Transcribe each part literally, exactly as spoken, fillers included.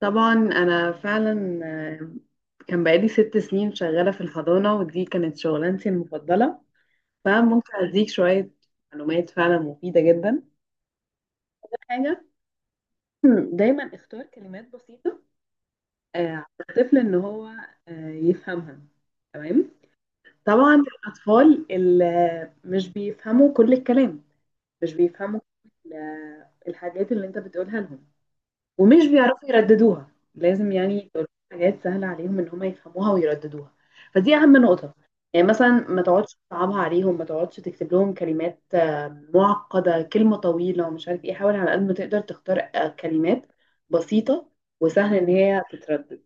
طبعا انا فعلا آه، كان بقالي ست سنين شغاله في الحضانه ودي كانت شغلانتي المفضله، فممكن اديك شويه معلومات فعلا مفيده جدا. حاجه دايما اختار كلمات بسيطه آه، على الطفل ان هو آه، يفهمها، تمام. طبعا الاطفال اللي مش بيفهموا كل الكلام، مش بيفهموا كل ال- الحاجات اللي انت بتقولها لهم ومش بيعرفوا يرددوها، لازم يعني يبقى لهم حاجات سهلة عليهم ان هم يفهموها ويرددوها. فدي اهم نقطة. يعني مثلا ما تقعدش تصعبها عليهم، ما تقعدش تكتب لهم كلمات آه، معقدة، كلمة طويلة ومش عارف ايه. حاول على قد ما تقدر تختار آه، كلمات بسيطة وسهل ان هي تتردد.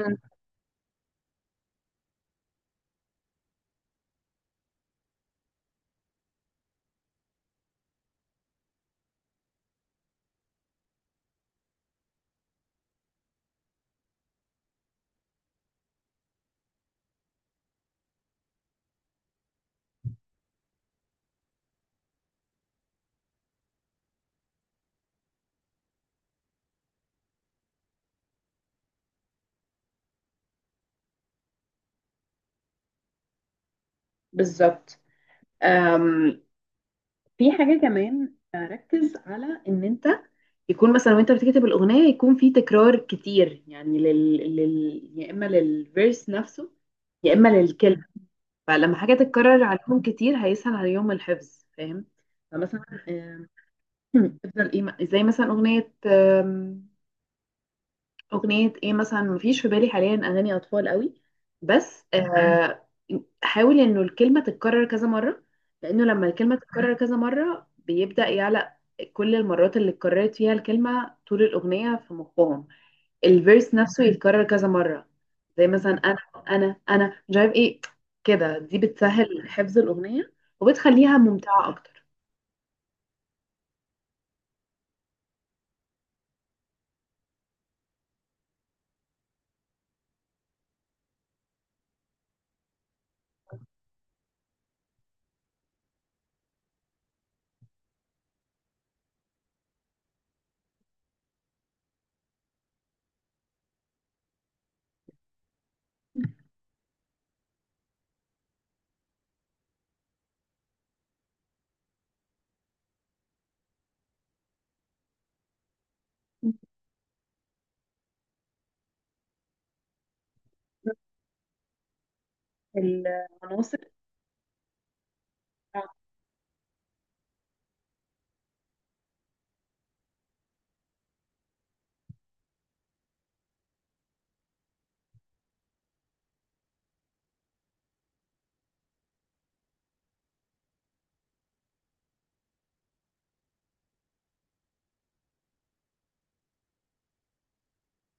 مم. بالظبط. أم، في حاجة كمان، آه، ركز على ان انت يكون مثلا وانت بتكتب الاغنية يكون في تكرار كتير، يعني لل... لل... يا اما للفيرس نفسه يا اما للكلمة. فلما حاجة تتكرر عليهم كتير هيسهل عليهم الحفظ، فاهم؟ فمثلا آم، افضل ايه م- زي مثلا اغنية أغنية إيه مثلا. مفيش في بالي حاليا أغاني أطفال قوي، بس آه، حاول إنه الكلمة تتكرر كذا مرة، لأنه لما الكلمة تتكرر كذا مرة بيبدأ يعلق. كل المرات اللي اتكررت فيها الكلمة طول الأغنية في مخهم، الفيرس نفسه يتكرر كذا مرة. زي مثلا أنا أنا أنا مش عارف إيه. كده دي بتسهل حفظ الأغنية وبتخليها ممتعة أكتر. العناصر،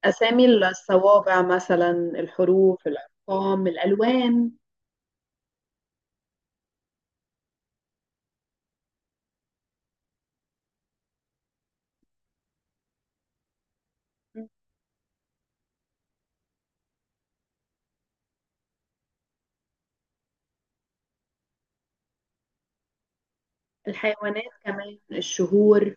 أسامي الصوابع مثلا، الحروف، الأرقام، الألوان، الحيوانات كمان، الشهور.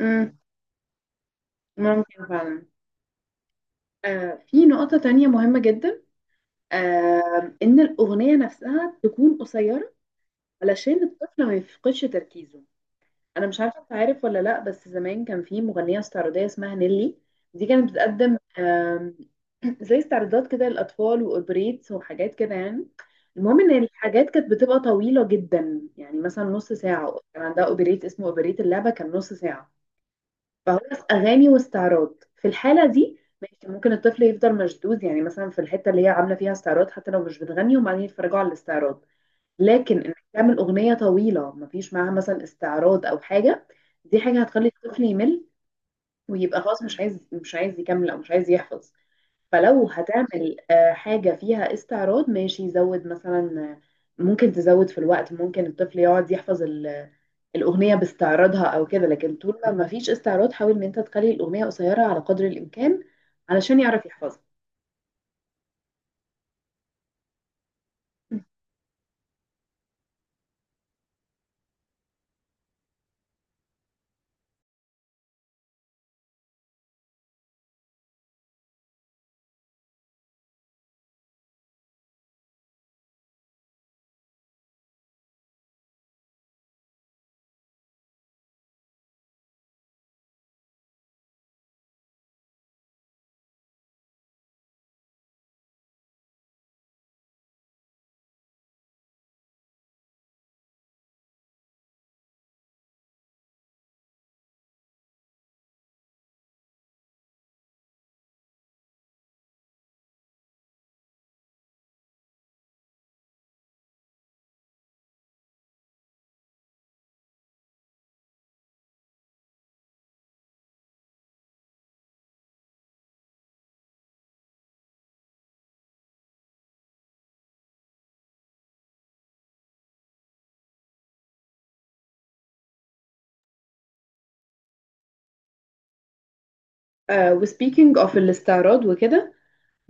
مم. ممكن فعلا. آه، في نقطة تانية مهمة جدا، آه، إن الأغنية نفسها تكون قصيرة علشان الطفل ما يفقدش تركيزه. أنا مش عارفة أنت عارف ولا لأ، بس زمان كان في مغنية استعراضية اسمها نيلي، دي كانت بتقدم آه، زي استعراضات كده للأطفال وأوبريتس وحاجات كده يعني. المهم إن الحاجات كانت بتبقى طويلة جدا، يعني مثلا نص ساعة. كان عندها أوبريت اسمه أوبريت اللعبة، كان نص ساعة. فهو في اغاني واستعراض، في الحاله دي ماشي، ممكن الطفل يفضل مشدود، يعني مثلا في الحته اللي هي عامله فيها استعراض حتى لو مش بتغني، وبعدين يتفرجوا على الاستعراض. لكن انك تعمل اغنيه طويله ما فيش معاها مثلا استعراض او حاجه، دي حاجه هتخلي الطفل يمل ويبقى خلاص مش عايز، مش عايز يكمل او مش عايز يحفظ. فلو هتعمل آه، حاجه فيها استعراض ماشي، يزود مثلا، آه، ممكن تزود في الوقت، ممكن الطفل يقعد يحفظ الأغنية باستعراضها أو كده. لكن طول ما مفيش استعراض حاول إن أنت تخلي الأغنية قصيرة على قدر الإمكان علشان يعرف يحفظها. آه، وسبيكينج اوف الاستعراض وكده،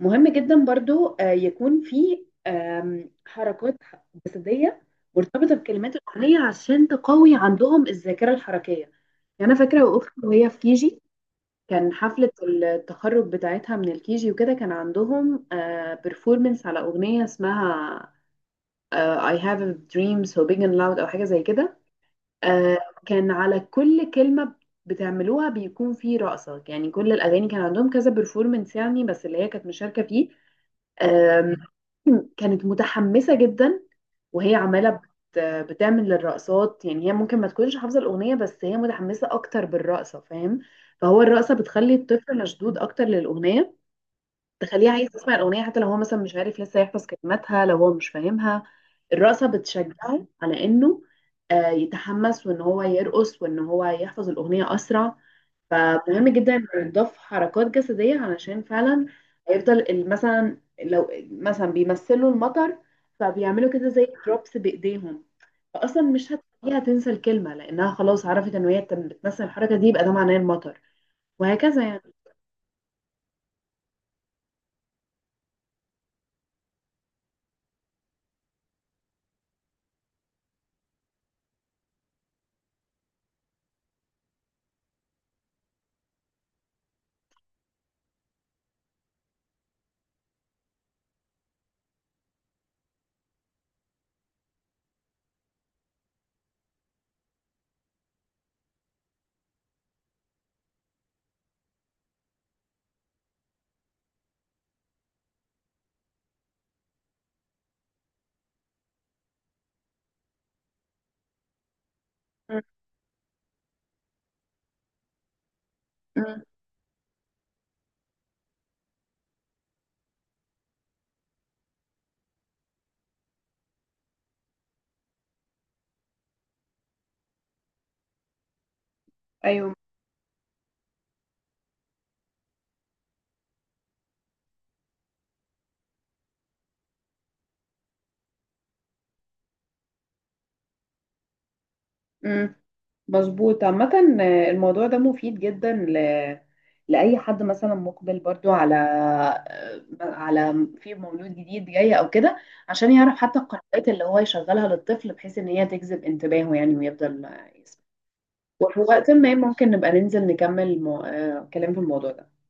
مهم جدا برضو آه يكون في آم، حركات جسدية مرتبطة بكلمات الأغنية عشان تقوي عندهم الذاكرة الحركية. يعني أنا فاكرة أختي وهي في كيجي، كان حفلة التخرج بتاعتها من الكيجي وكده، كان عندهم بيرفورمنس على أغنية اسمها آه، I have a dream so big and loud، أو حاجة زي كده. آه، كان على كل كلمة بتعملوها بيكون في رقصة، يعني كل الأغاني كان عندهم كذا performance يعني، بس اللي هي كانت مشاركة فيه آم، كانت متحمسة جدا. وهي عمالة بت- بتعمل الرقصات، يعني هي ممكن ما تكونش حافظة الأغنية بس هي متحمسة أكتر بالرقصة، فاهم؟ فهو الرقصة بتخلي الطفل مشدود أكتر للأغنية، تخليه عايز يسمع الأغنية حتى لو هو مثلا مش عارف لسه يحفظ كلماتها، لو هو مش فاهمها الرقصة بتشجعه على إنه آه، يتحمس وإن هو يرقص وإن هو يحفظ الأغنية أسرع. فمهم جدا إنه يضاف حركات جسدية علشان فعلا هيفضل ال- مثلا لو مثلا بيمثلوا المطر فبيعملوا كده زي دروبس بإيديهم، فأصلا مش هتخليها تنسى الكلمة لأنها خلاص عرفت إن هي بتمثل الحركة دي يبقى ده معناه المطر، وهكذا يعني. مم. مم. أيوة. امم، مظبوط عامة. آه، الموضوع ده مفيد جدا ل... لأي حد مثلا مقبل برضو على آه، على في مولود جديد جاي أو كده، عشان يعرف حتى القنوات اللي هو يشغلها للطفل بحيث إن هي تجذب انتباهه يعني، ويفضل آه، يسمع. وفي وقت ما ممكن نبقى ننزل نكمل مو... آه، كلام في الموضوع ده.